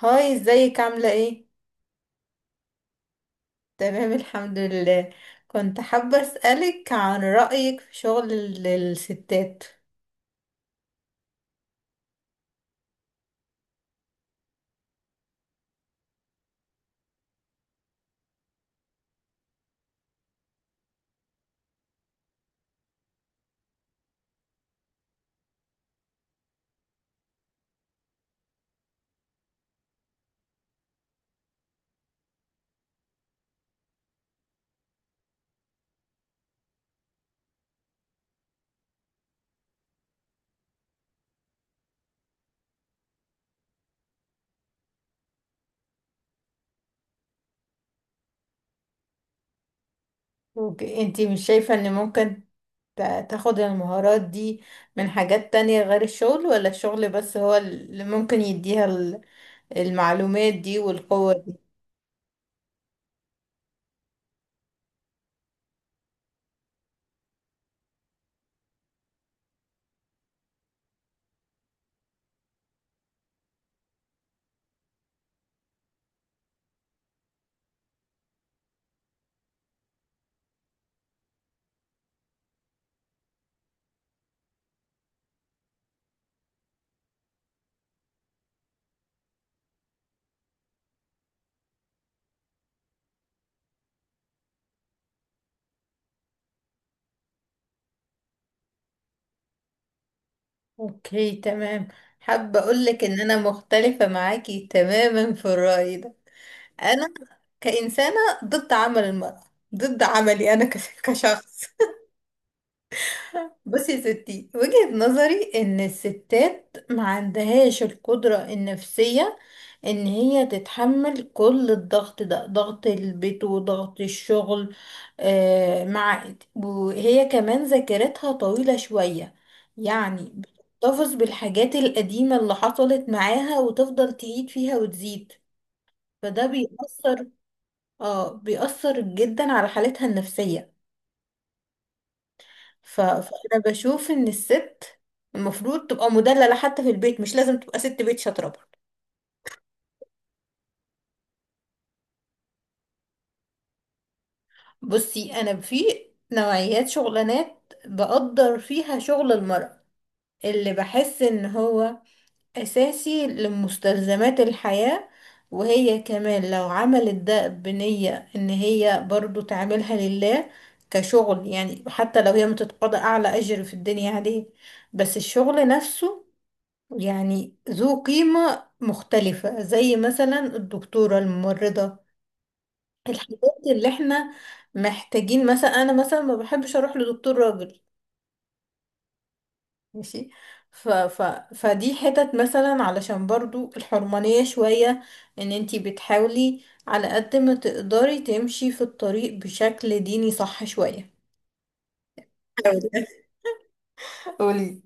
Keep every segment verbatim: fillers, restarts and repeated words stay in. هاي، ازيك؟ عاملة ايه؟ تمام، الحمد لله. كنت حابة اسألك عن رأيك في شغل ال- الستات. وك- انتي مش شايفة ان ممكن تا- تاخد المهارات دي من حاجات تانية غير الشغل، ولا الشغل بس هو اللي ممكن يديها ال- المعلومات دي والقوة دي؟ اوكي، تمام. حابة اقولك ان انا مختلفة معاكي تماما في الرأي ده. انا كإنسانة ضد عمل المرأة، ضد عملي انا كش- كشخص. بصي يا ستي، وجهة نظري ان الستات ما عندهاش القدرة النفسية ان هي تتحمل كل الضغط ده، ضغط البيت وضغط الشغل. آه مع، وهي كمان ذاكرتها طويلة شوية، يعني بتحتفظ بالحاجات القديمة اللي حصلت معاها وتفضل تعيد فيها وتزيد. فده بيأثر، اه بيأثر جدا على حالتها النفسية. ف- فانا بشوف ان الست المفروض تبقى مدلله حتى في البيت، مش لازم تبقى ست بيت شاطره برضه. بصي، انا في نوعيات شغلانات بقدر فيها شغل المرأة، اللي بحس ان هو اساسي لمستلزمات الحياة، وهي كمان لو عملت ده بنية ان هي برضو تعملها لله كشغل، يعني حتى لو هي متتقاضى اعلى اجر في الدنيا عليه، بس الشغل نفسه يعني ذو قيمة مختلفة، زي مثلا الدكتورة، الممرضة، الحاجات اللي احنا محتاجين. مثلا انا مثلا ما بحبش اروح لدكتور راجل، ماشي. ف ف فدي حتت مثلا، علشان برضو الحرمانية شوية، ان انتي بتحاولي على قد ما تقدري تمشي في الطريق بشكل ديني صح شوية. قولي.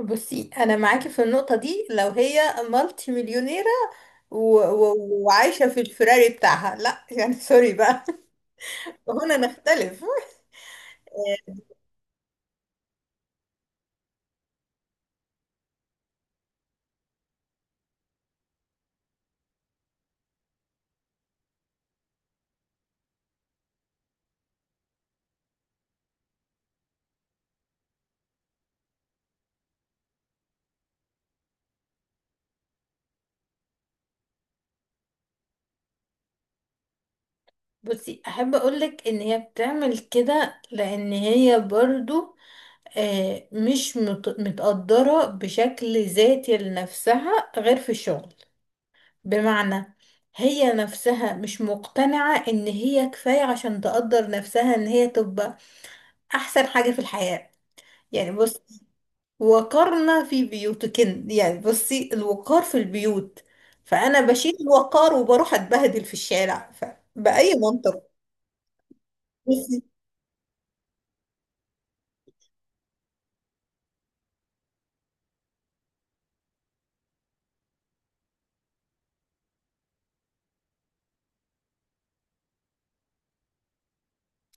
بصي انا معاكي في النقطة دي، لو هي مالتي مليونيرة و- و- وعايشة في الفراري بتاعها، لا يعني، سوري بقى. هنا نختلف. بصي، احب اقولك ان هي بتعمل كده لان هي برضو، آه، مش مت- متقدرة بشكل ذاتي لنفسها غير في الشغل. بمعنى، هي نفسها مش مقتنعة ان هي كفاية عشان تقدر نفسها ان هي تبقى احسن حاجة في الحياة، يعني. وقرنا في بيوتكن، يعني بصي الوقار في البيوت، فأنا بشيل الوقار وبروح أتبهدل في الشارع ف... بأي منطق؟ بصي،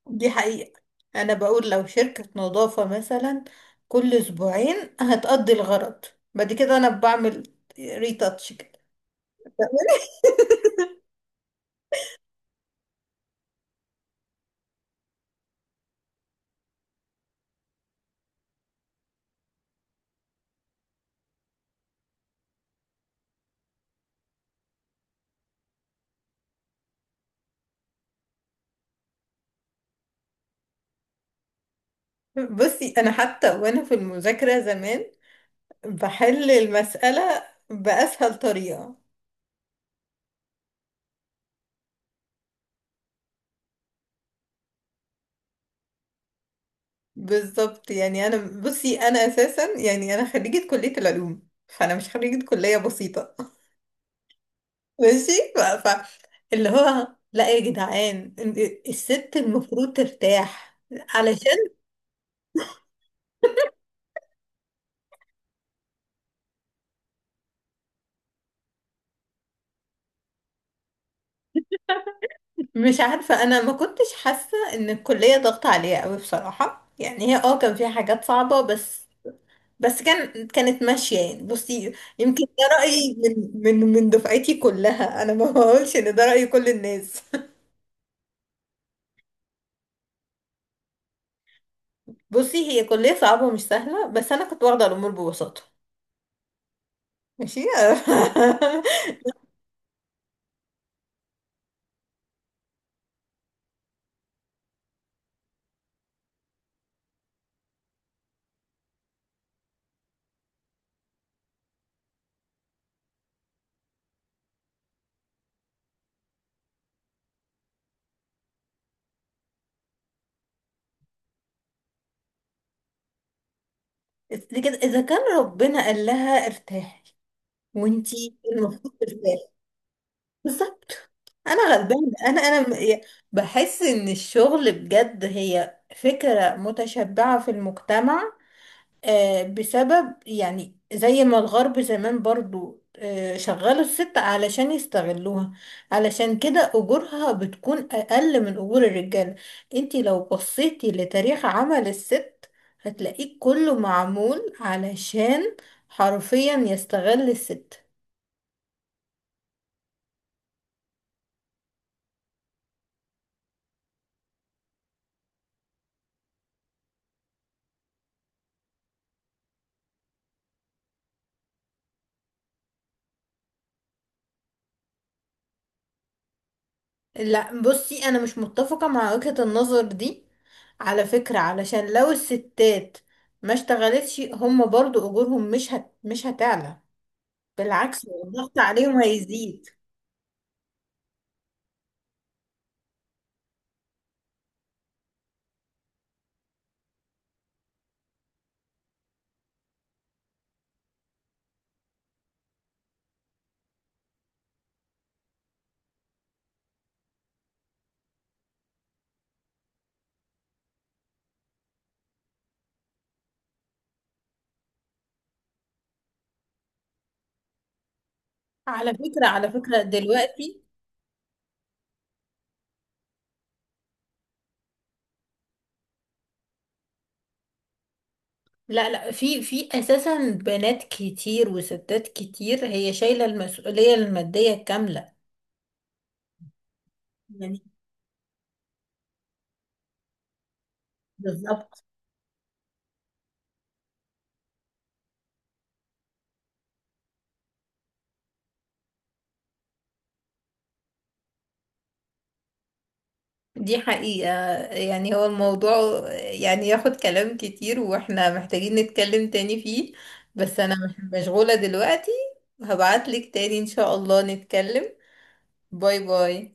دي حقيقة. أنا بقول لو شركة نظافة مثلا كل أسبوعين هتقضي الغرض، بعد كده أنا بعمل ريتاتش كده. بصي أنا حتى وأنا في المذاكرة زمان بحل المسألة بأسهل طريقة. بالظبط. يعني انا، بصي انا اساسا، يعني انا خريجة كلية العلوم، فانا مش خريجة كلية بسيطة. ماشي ف... ف... اللي هو لا يا جدعان، ال- الست المفروض ترتاح علشان. مش عارفة، انا ما كنتش حاسة ان الكلية ضغط عليها قوي بصراحة. يعني هي اه كان فيها حاجات صعبة، بس بس كان، كانت ماشية يعني. بصي، يمكن ده رأيي من من من دفعتي كلها، انا ما بقولش ان ده رأي كل الناس. بصي هي كلية صعبة ومش سهلة، بس أنا كنت واخدة الأمور ببساطة. ماشي. لكن إذا كان ربنا قال لها ارتاحي، وانتي المفروض ترتاحي. بالظبط. أنا غلبانة، أنا أنا م- يا- بحس إن الشغل بجد هي فكرة متشبعة في المجتمع، آه، بسبب يعني زي ما الغرب زمان برضو آه، شغلوا الست علشان يستغلوها. علشان كده أجورها بتكون أقل من أجور الرجال. انتي لو بصيتي لتاريخ عمل الست هتلاقيه كله معمول علشان حرفيا يستغل الست. لا بصي، أنا مش متفقة مع وجهة النظر دي على فكرة. علشان لو الستات ما اشتغلتش هم برضو أجورهم مش هت... مش هتعلى، بالعكس الضغط عليهم هيزيد. على فكرة، على فكرة دلوقتي، لا لا، في في اساسا بنات كتير وستات كتير هي شايلة المسؤولية المادية الكاملة، يعني. بالظبط. دي حقيقة. يعني هو الموضوع يعني ياخد كلام كتير، واحنا محتاجين نتكلم تاني فيه، بس انا مش- مشغولة دلوقتي. هبعتلك تاني ان شاء الله نتكلم. باي باي.